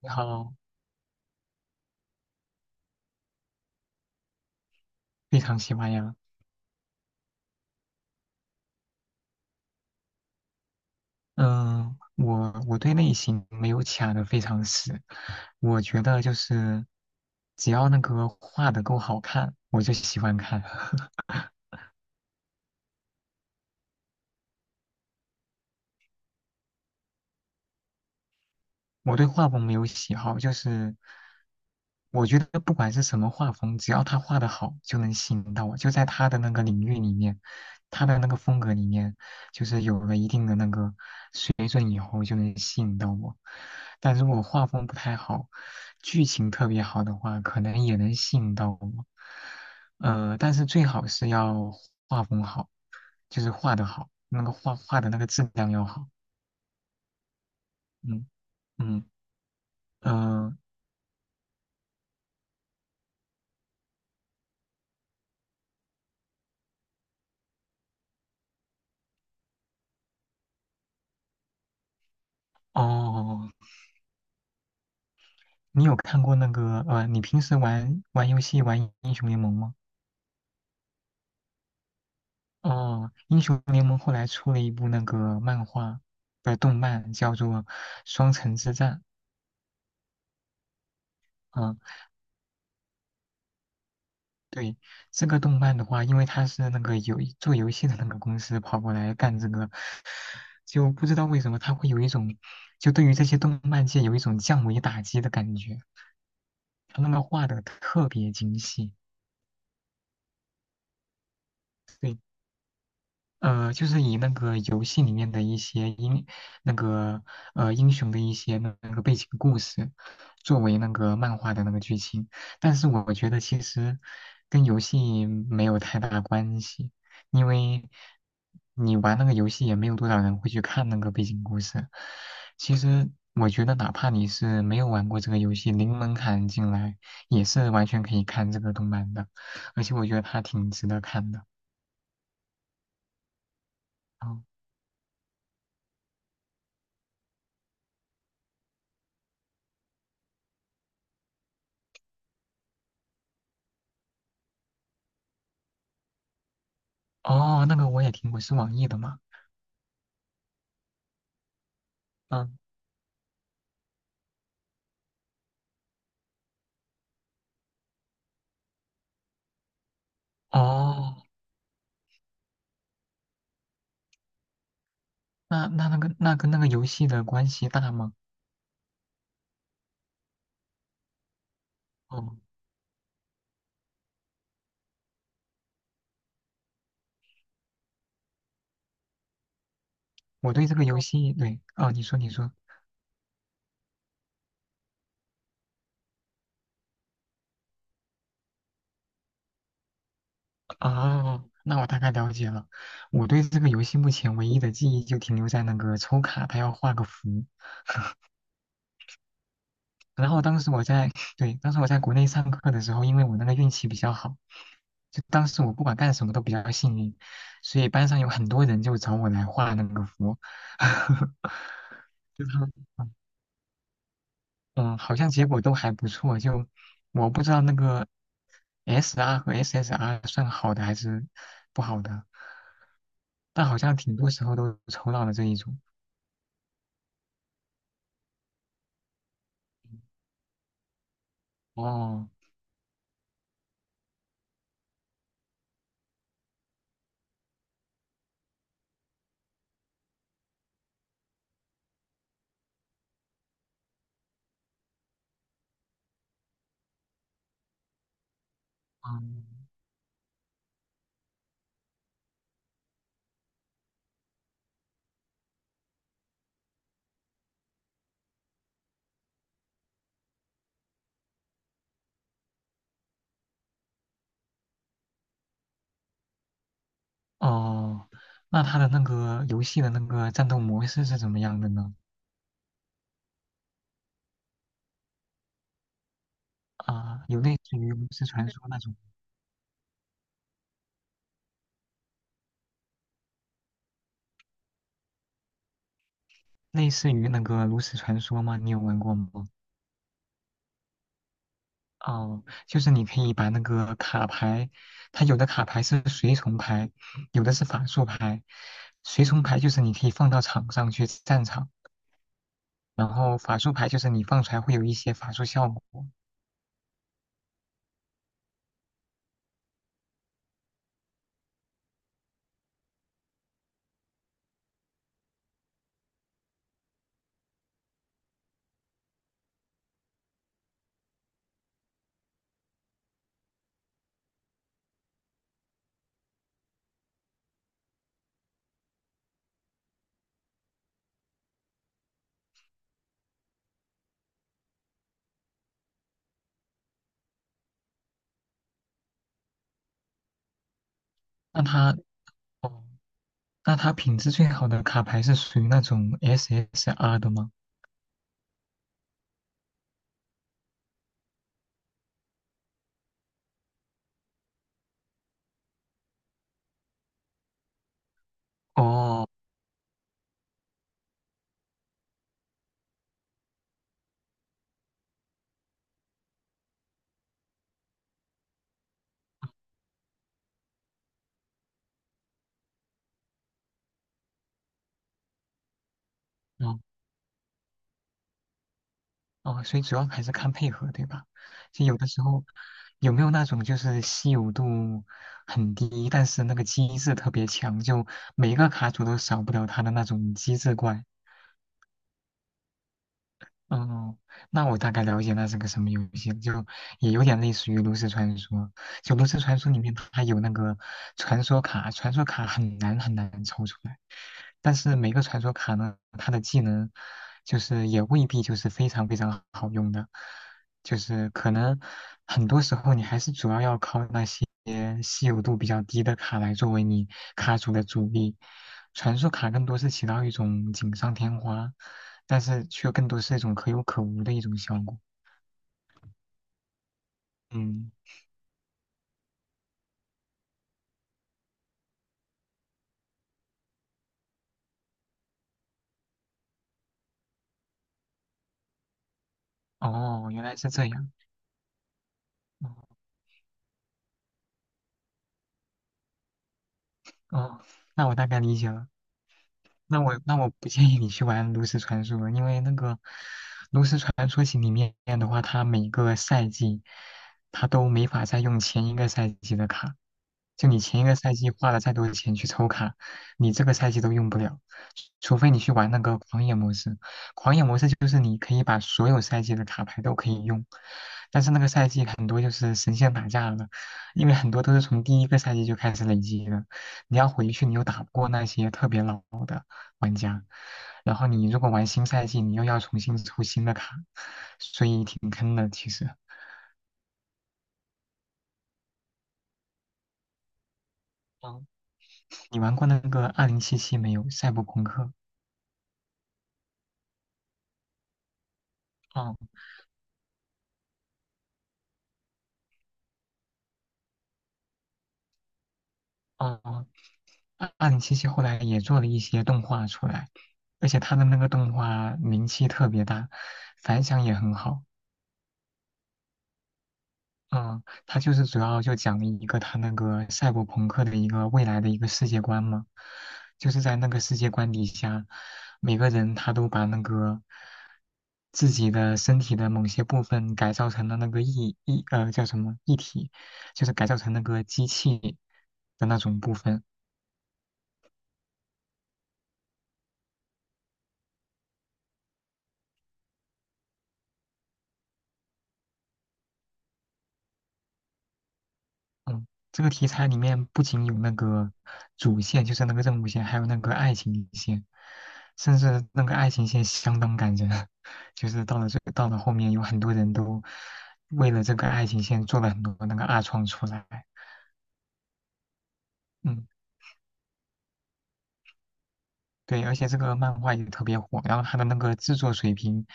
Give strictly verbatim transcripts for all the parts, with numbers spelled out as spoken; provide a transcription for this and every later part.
你好，非常喜欢呀。嗯，我我对类型没有卡的非常死，我觉得就是只要那个画的够好看，我就喜欢看。我对画风没有喜好，就是我觉得不管是什么画风，只要他画的好，就能吸引到我，就在他的那个领域里面，他的那个风格里面，就是有了一定的那个没准以后就能吸引到我。但如果画风不太好，剧情特别好的话，可能也能吸引到我。呃，但是最好是要画风好，就是画的好，那个画画的那个质量要好。嗯。嗯。呃哦，你有看过那个呃，你平时玩玩游戏玩英雄联盟吗？哦，英雄联盟后来出了一部那个漫画，不是动漫，叫做《双城之战》。嗯，对，这个动漫的话，因为他是那个游做游戏的那个公司跑过来干这个，就不知道为什么他会有一种，就对于这些动漫界有一种降维打击的感觉。他那个画的特别精细。呃，就是以那个游戏里面的一些英那个呃英雄的一些那那个背景故事，作为那个漫画的那个剧情。但是我觉得其实跟游戏没有太大关系，因为你玩那个游戏也没有多少人会去看那个背景故事。其实我觉得，哪怕你是没有玩过这个游戏，零门槛进来也是完全可以看这个动漫的，而且我觉得它挺值得看的。哦。哦，那个我也听过，是网易的嘛？嗯。哦，那那那个那跟那个游戏的关系大吗？哦，我对这个游戏，对。哦，你说你说。哦，那我大概了解了。我对这个游戏目前唯一的记忆就停留在那个抽卡，它要画个符。然后当时我在，对，当时我在国内上课的时候，因为我那个运气比较好，就当时我不管干什么都比较幸运，所以班上有很多人就找我来画那个符，就他们。嗯，好像结果都还不错，就我不知道那个 S R 和 S S R 算好的还是不好的，但好像挺多时候都抽到了这一种。哦。嗯。哦，那它的那个游戏的那个战斗模式是怎么样的呢？啊，有类似于炉石传说那种，类似于那个炉石传说吗？你有玩过吗？哦，就是你可以把那个卡牌，它有的卡牌是随从牌，有的是法术牌。随从牌就是你可以放到场上去战场，然后法术牌就是你放出来会有一些法术效果。那它，哦，那它品质最好的卡牌是属于那种 S S R 的吗？哦。哦。哦，所以主要还是看配合，对吧？就有的时候有没有那种就是稀有度很低，但是那个机制特别强，就每一个卡组都少不了它的那种机制怪。哦，那我大概了解那是个什么游戏，就也有点类似于炉石传说。就炉石传说里面它有那个传说卡，传说卡很难很难抽出来。但是每个传说卡呢，它的技能就是也未必就是非常非常好用的，就是可能很多时候你还是主要要靠那些稀有度比较低的卡来作为你卡组的主力。传说卡更多是起到一种锦上添花，但是却更多是一种可有可无的一种效果。嗯。哦，原来是这样。哦。哦，那我大概理解了。那我那我不建议你去玩炉石传说，因为那个炉石传说型里面的话，它每个赛季它都没法再用前一个赛季的卡，就你前一个赛季花了再多的钱去抽卡，你这个赛季都用不了，除非你去玩那个狂野模式。狂野模式就是你可以把所有赛季的卡牌都可以用，但是那个赛季很多就是神仙打架了，因为很多都是从第一个赛季就开始累积的，你要回去你又打不过那些特别老的玩家，然后你如果玩新赛季，你又要重新抽新的卡，所以挺坑的其实。嗯，你玩过那个二零七七没有？赛博朋克。哦。哦。哦，二二零七七后来也做了一些动画出来，而且它的那个动画名气特别大，反响也很好。嗯，它就是主要就讲了一个它那个赛博朋克的一个未来的一个世界观嘛，就是在那个世界观底下，每个人他都把那个自己的身体的某些部分改造成了那个一一呃叫什么一体，就是改造成那个机器的那种部分。嗯，这个题材里面不仅有那个主线，就是那个任务线，还有那个爱情线，甚至那个爱情线相当感人，就是到了最到了后面，有很多人都为了这个爱情线做了很多那个二创出来。嗯，对，而且这个漫画也特别火，然后它的那个制作水平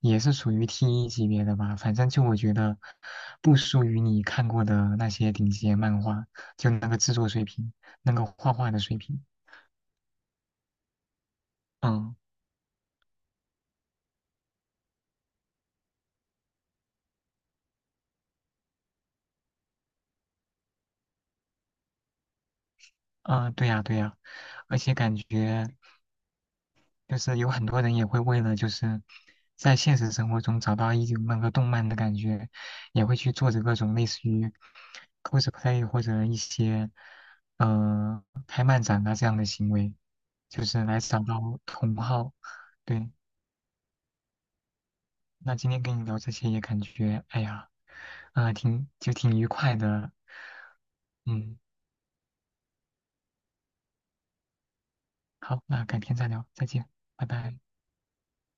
也是属于 T 一级别的吧，反正就我觉得不输于你看过的那些顶级漫画，就那个制作水平，那个画画的水平。嗯。啊，对呀，对呀，而且感觉就是有很多人也会为了就是在现实生活中找到一种那个动漫的感觉，也会去做着各种类似于 cosplay 或者一些呃开漫展啊这样的行为，就是来找到同好。对，那今天跟你聊这些也感觉，哎呀，啊，挺就挺愉快的。嗯。好，那改天再聊，再见，拜拜。